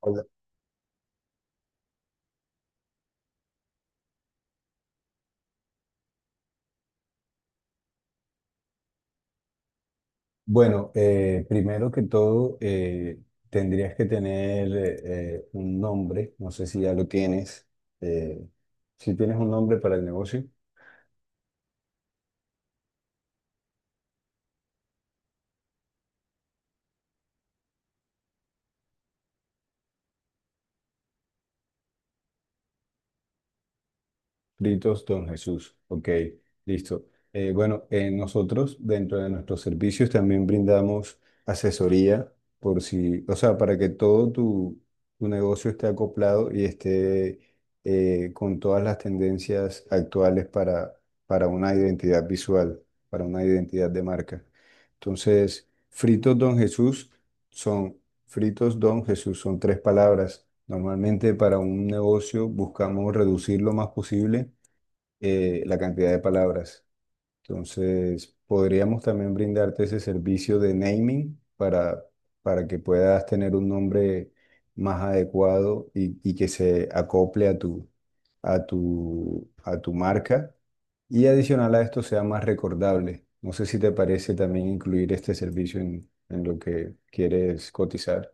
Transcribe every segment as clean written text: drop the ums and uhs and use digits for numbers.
Hola. Bueno, primero que todo, tendrías que tener un nombre, no sé si ya lo tienes, eh, si tienes un nombre para el negocio. Fritos Don Jesús, ok, listo. Bueno, nosotros dentro de nuestros servicios también brindamos asesoría por si, o sea, para que todo tu negocio esté acoplado y esté con todas las tendencias actuales para una identidad visual, para una identidad de marca. Entonces, son, Fritos Don Jesús son tres palabras. Normalmente para un negocio buscamos reducir lo más posible la cantidad de palabras. Entonces, podríamos también brindarte ese servicio de naming para que puedas tener un nombre más adecuado y que se acople a a tu marca y adicional a esto sea más recordable. No sé si te parece también incluir este servicio en lo que quieres cotizar.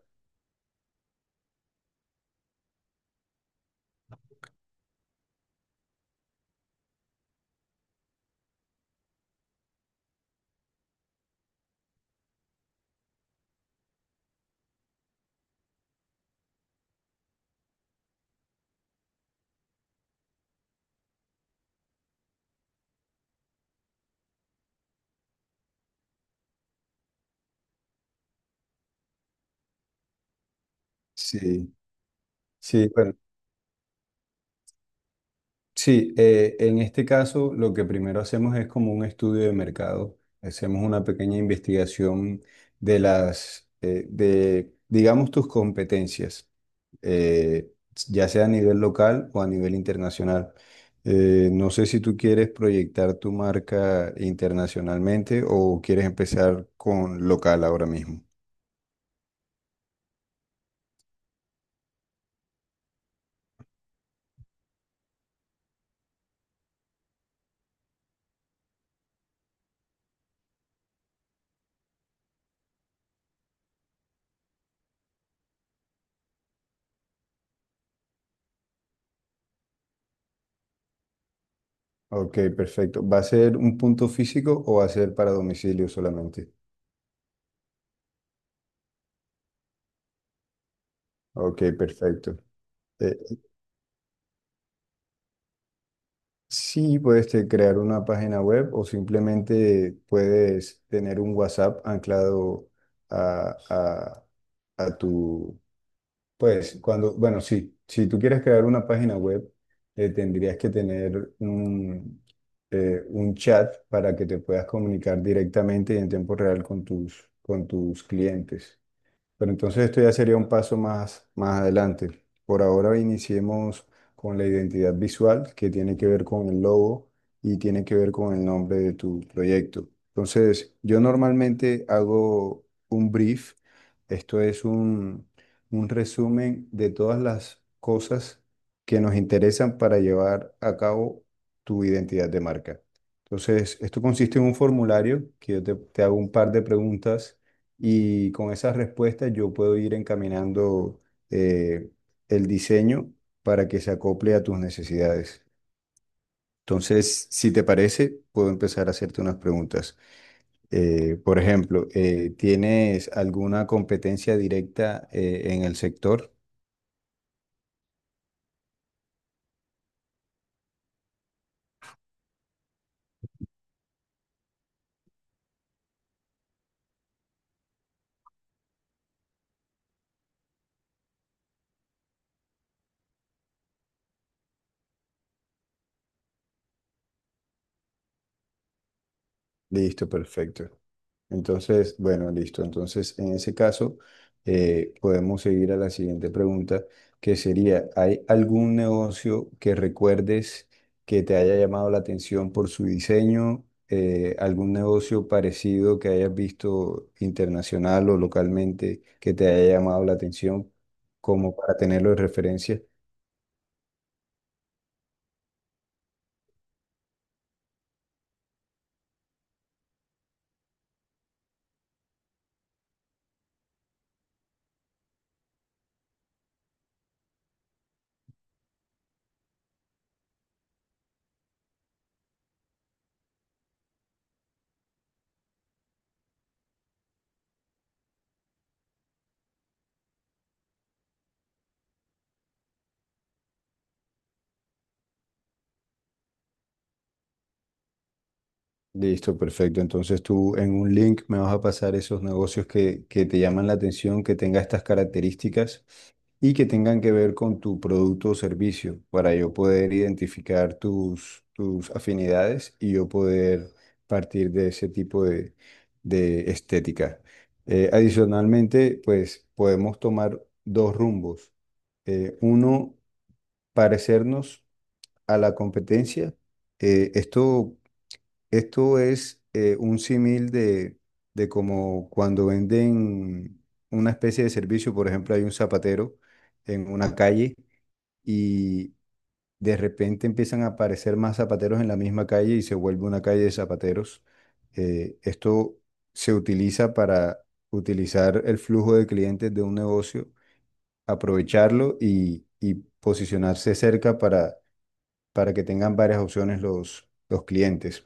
Sí, sí, bueno. Sí, en este caso lo que primero hacemos es como un estudio de mercado, hacemos una pequeña investigación de digamos, tus competencias, eh, ya sea a nivel local o a nivel internacional. No sé si tú quieres proyectar tu marca internacionalmente o quieres empezar con local ahora mismo. Ok, perfecto. ¿Va a ser un punto físico o va a ser para domicilio solamente? Ok, perfecto. Eh, Sí, puedes este, crear una página web o simplemente puedes tener un WhatsApp anclado a, a- a tu, pues cuando, bueno, sí, si tú quieres crear una página web, eh, tendrías que tener un chat para que te puedas comunicar directamente y en tiempo real con con tus clientes. Pero entonces esto ya sería un paso más adelante. Por ahora iniciemos con la identidad visual, que tiene que ver con el logo y tiene que ver con el nombre de tu proyecto. Entonces, yo normalmente hago un brief. Esto es un, un resumen de todas las cosas que nos interesan para llevar a cabo tu identidad de marca. Entonces, esto consiste en un formulario que yo te hago un par de preguntas y con esas respuestas yo puedo ir encaminando eh, el diseño para que se acople a tus necesidades. Entonces, si te parece, puedo empezar a hacerte unas preguntas. Por ejemplo, ¿tienes alguna competencia directa en el sector? Listo, perfecto. Entonces, bueno, listo. Entonces, en ese caso, podemos seguir a la siguiente pregunta, que sería, ¿hay algún negocio que recuerdes que te haya llamado la atención por su diseño? ¿Algún negocio parecido que hayas visto internacional o localmente que te haya llamado la atención como para tenerlo de referencia? Listo, perfecto. Entonces tú en un link me vas a pasar esos negocios que te llaman la atención, que tenga estas características y que tengan que ver con tu producto o servicio para yo poder identificar tus afinidades y yo poder partir de ese tipo de estética. Adicionalmente, pues podemos tomar dos rumbos. Uno, parecernos a la competencia. Eh, esto es un símil de como cuando venden una especie de servicio, por ejemplo, hay un zapatero en una calle y de repente empiezan a aparecer más zapateros en la misma calle y se vuelve una calle de zapateros. Esto se utiliza para utilizar el flujo de clientes de un negocio, aprovecharlo y posicionarse cerca para que tengan varias opciones los clientes.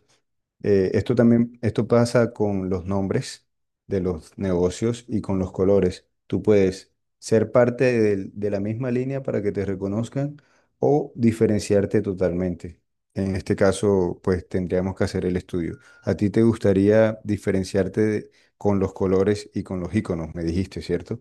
Esto pasa con los nombres de los negocios y con los colores. Tú puedes ser parte de la misma línea para que te reconozcan o diferenciarte totalmente. En este caso, pues tendríamos que hacer el estudio. ¿A ti te gustaría diferenciarte con los colores y con los iconos? Me dijiste, ¿cierto?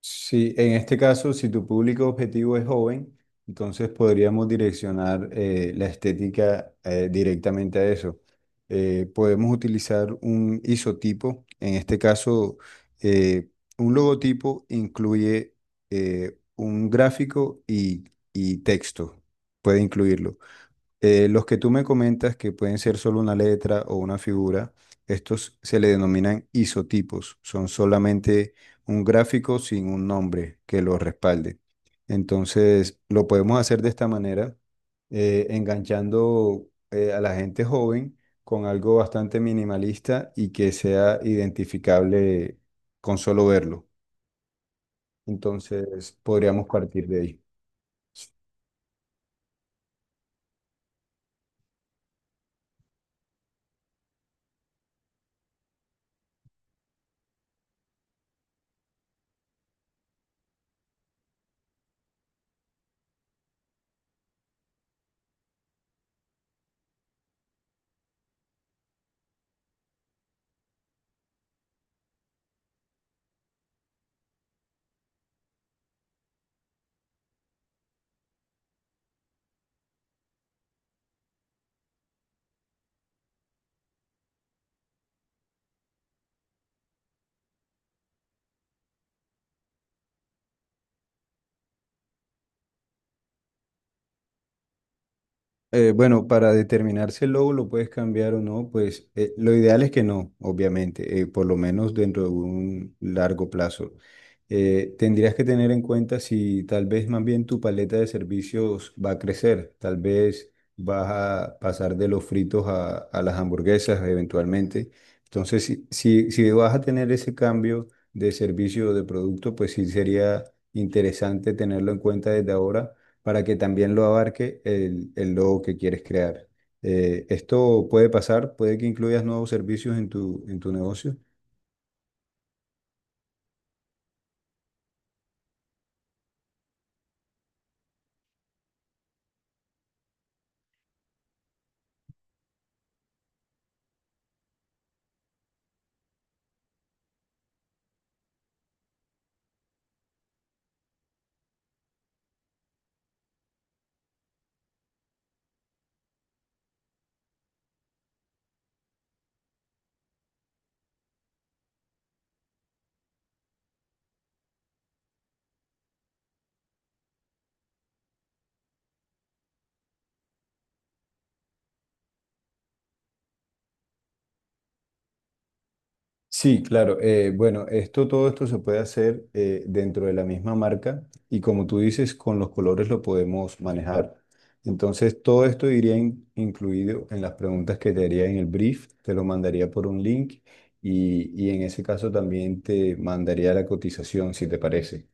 Sí, en este caso, si tu público objetivo es joven, entonces podríamos direccionar la estética directamente a eso. Podemos utilizar un isotipo, en este caso, eh, un logotipo incluye un gráfico y texto, puede incluirlo. Los que tú me comentas que pueden ser solo una letra o una figura, estos se le denominan isotipos, son solamente un gráfico sin un nombre que lo respalde. Entonces, lo podemos hacer de esta manera, enganchando a la gente joven con algo bastante minimalista y que sea identificable con solo verlo. Entonces, podríamos partir de ahí. Bueno, para determinar si el logo lo puedes cambiar o no, pues lo ideal es que no, obviamente, por lo menos dentro de un largo plazo. Tendrías que tener en cuenta si tal vez más bien tu paleta de servicios va a crecer, tal vez vas a pasar de los fritos a las hamburguesas eventualmente. Entonces, si vas a tener ese cambio de servicio o de producto, pues sí sería interesante tenerlo en cuenta desde ahora para que también lo abarque el logo que quieres crear. Esto puede pasar, puede que incluyas nuevos servicios en en tu negocio. Sí, claro. Bueno, esto, todo esto se puede hacer dentro de la misma marca y como tú dices, con los colores lo podemos manejar. Entonces, todo esto iría incluido en las preguntas que te haría en el brief, te lo mandaría por un link y en ese caso también te mandaría la cotización, si te parece.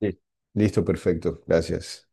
Sí. Listo, perfecto. Gracias.